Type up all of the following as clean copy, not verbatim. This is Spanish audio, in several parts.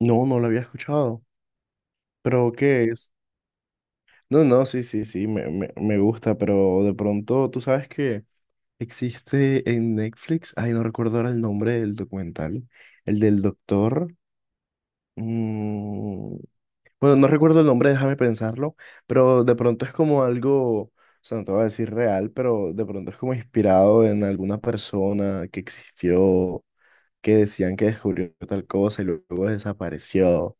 No, no lo había escuchado. ¿Pero qué es? No, no, sí, sí, sí, me gusta, pero de pronto, tú sabes que existe en Netflix, ay, no recuerdo ahora el nombre del documental, el del doctor. mm, bueno, no recuerdo el nombre, déjame pensarlo, pero de pronto es como algo, o sea, no te voy a decir real, pero de pronto es como inspirado en alguna persona que existió, que decían que descubrió tal cosa y luego desapareció.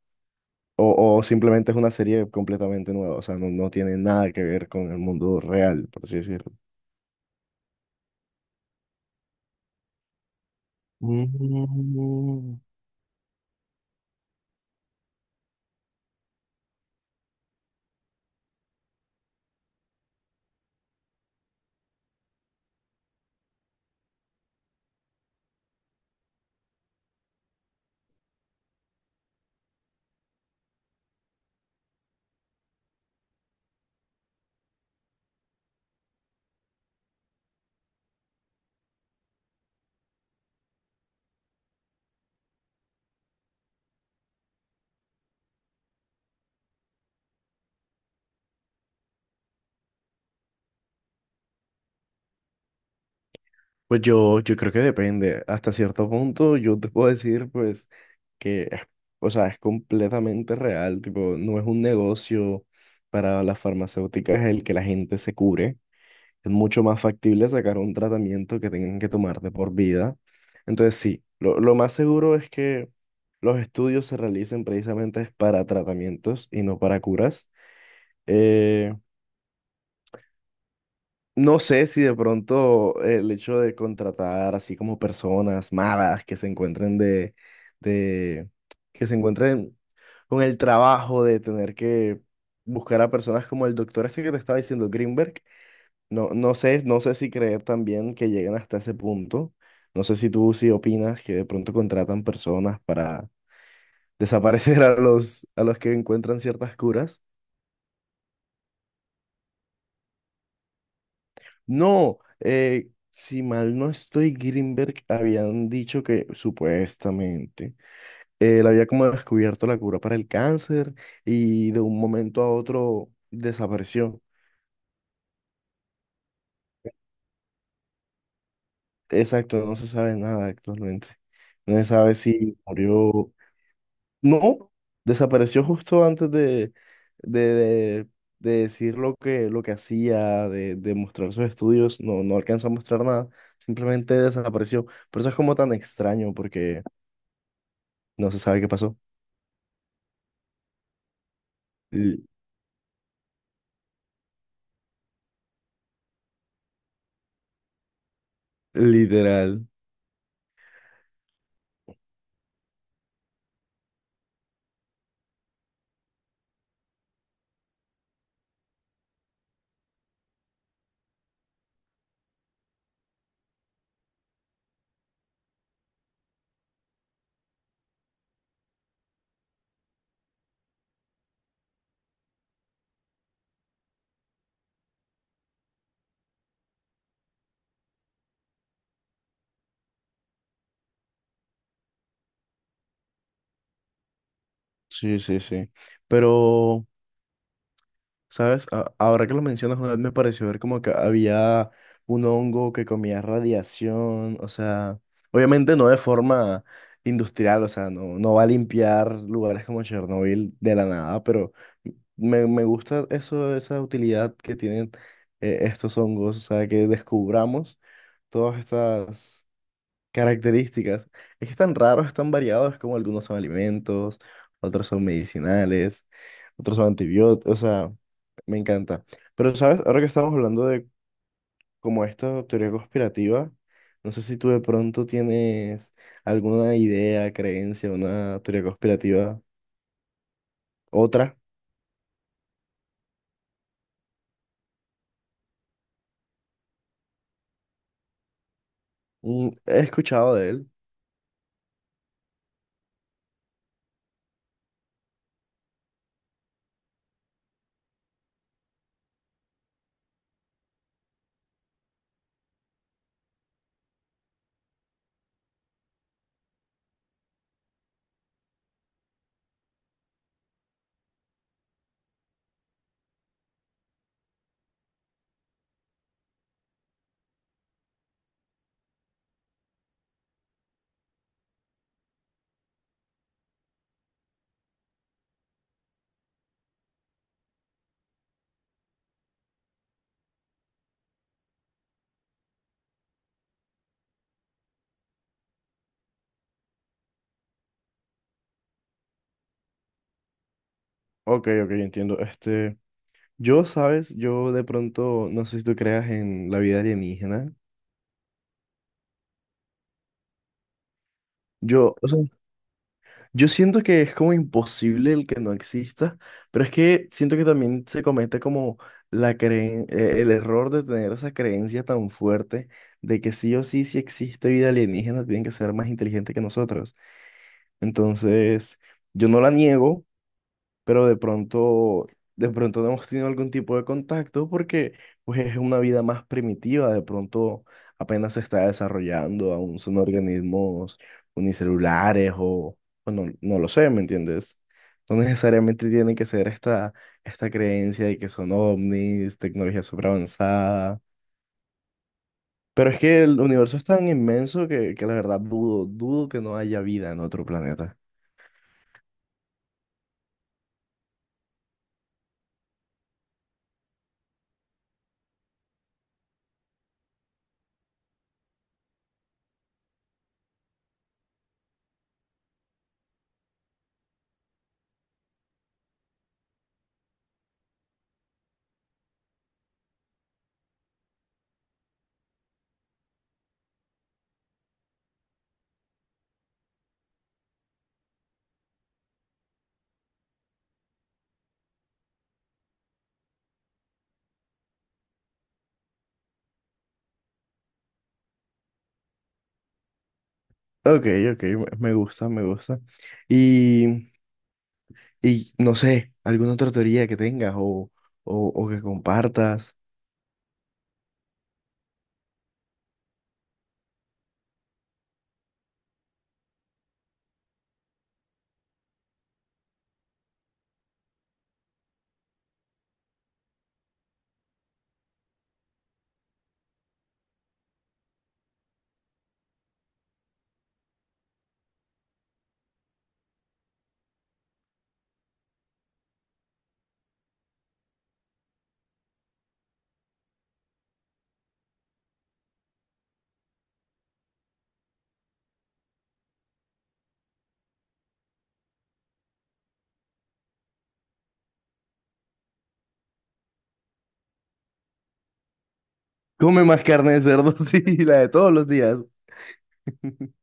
O simplemente es una serie completamente nueva, o sea, no, no tiene nada que ver con el mundo real, por así decirlo. Mm. Pues yo creo que depende. Hasta cierto punto yo te puedo decir, pues, que, o sea, es completamente real, tipo, no es un negocio para las farmacéuticas el que la gente se cure. Es mucho más factible sacar un tratamiento que tengan que tomar de por vida. Entonces, sí, lo más seguro es que los estudios se realicen precisamente para tratamientos y no para curas. Eh, no sé si de pronto el hecho de contratar así como personas malas que se encuentren de, que se encuentren con el trabajo de tener que buscar a personas como el doctor este que te estaba diciendo, Greenberg. No, no sé si creer también que lleguen hasta ese punto. No sé si tú sí opinas que de pronto contratan personas para desaparecer a los que encuentran ciertas curas. No, si mal no estoy, Greenberg habían dicho que supuestamente él había como descubierto la cura para el cáncer y de un momento a otro desapareció. Exacto, no se sabe nada actualmente. No se sabe si murió. No, desapareció justo antes de, de- de decir lo que hacía, de mostrar sus estudios. No, no alcanzó a mostrar nada, simplemente desapareció. Por eso es como tan extraño, porque no se sabe qué pasó. Li- Literal. Sí, sí, sí. Pero, ¿sabes? Ahora que lo mencionas, una vez me pareció ver como que había un hongo que comía radiación, o sea, obviamente no de forma industrial, o sea, no, no va a limpiar lugares como Chernobyl de la nada, pero me gusta eso, esa utilidad que tienen estos hongos, o sea, que descubramos todas estas características. Es que están raros, están variados, como algunos son alimentos, otros son medicinales, otros son antibióticos, o sea, me encanta. Pero, ¿sabes? Ahora que estamos hablando de como esta teoría conspirativa, no sé si tú de pronto tienes alguna idea, creencia, una teoría conspirativa, otra. He escuchado de él. Ok, ok, entiendo. Este, yo, ¿sabes? Yo de pronto, no sé si tú creas en la vida alienígena. Yo, o sea, yo siento que es como imposible el que no exista, pero es que siento que también se comete como el error de tener esa creencia tan fuerte de que sí o sí, si existe vida alienígena, tienen que ser más inteligentes que nosotros. Entonces, yo no la niego, pero de pronto no hemos tenido algún tipo de contacto porque pues es una vida más primitiva, de pronto apenas se está desarrollando, aún son organismos unicelulares o no, no lo sé, ¿me entiendes? No necesariamente tiene que ser esta creencia de que son ovnis, tecnología superavanzada. Pero es que el universo es tan inmenso que la verdad dudo que no haya vida en otro planeta. Ok, ok, me gusta, me gusta. Y Y no sé, alguna otra teoría que tengas o que compartas. Come más carne de cerdo, sí, la de todos los días.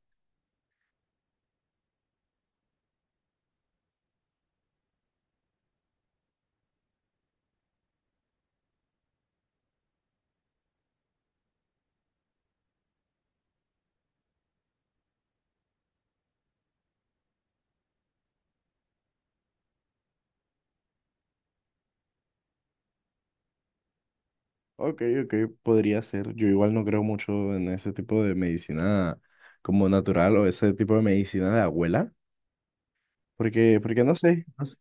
Ok, ok, podría ser. Yo igual no creo mucho en ese tipo de medicina como natural o ese tipo de medicina de abuela, porque no sé, no sé.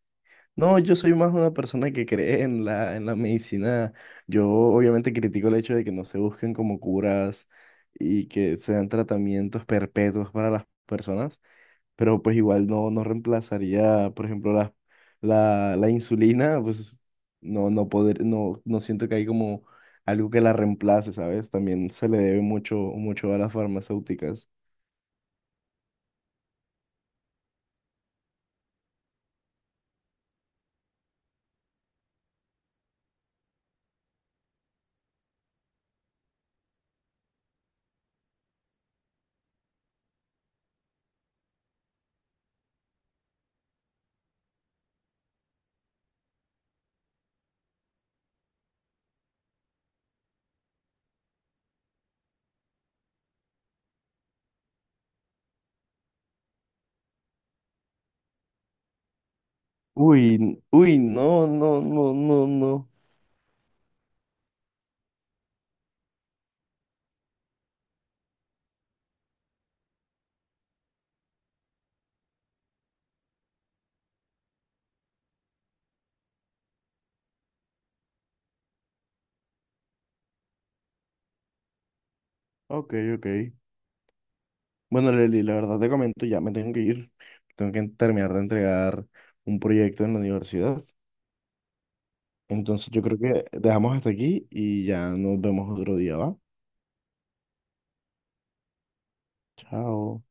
No, yo soy más una persona que cree en la medicina. Yo obviamente critico el hecho de que no se busquen como curas y que sean tratamientos perpetuos para las personas. Pero pues igual no, no reemplazaría, por ejemplo, la insulina, pues no, no poder, no, no siento que hay como algo que la reemplace, ¿sabes? También se le debe mucho, mucho a las farmacéuticas. Uy, uy, no, no, no, no, no. Ok, ok. Bueno, Leli, la verdad te comento, ya me tengo que ir. Tengo que terminar de entregar un proyecto en la universidad. Entonces yo creo que dejamos hasta aquí y ya nos vemos otro día, ¿va? Chao.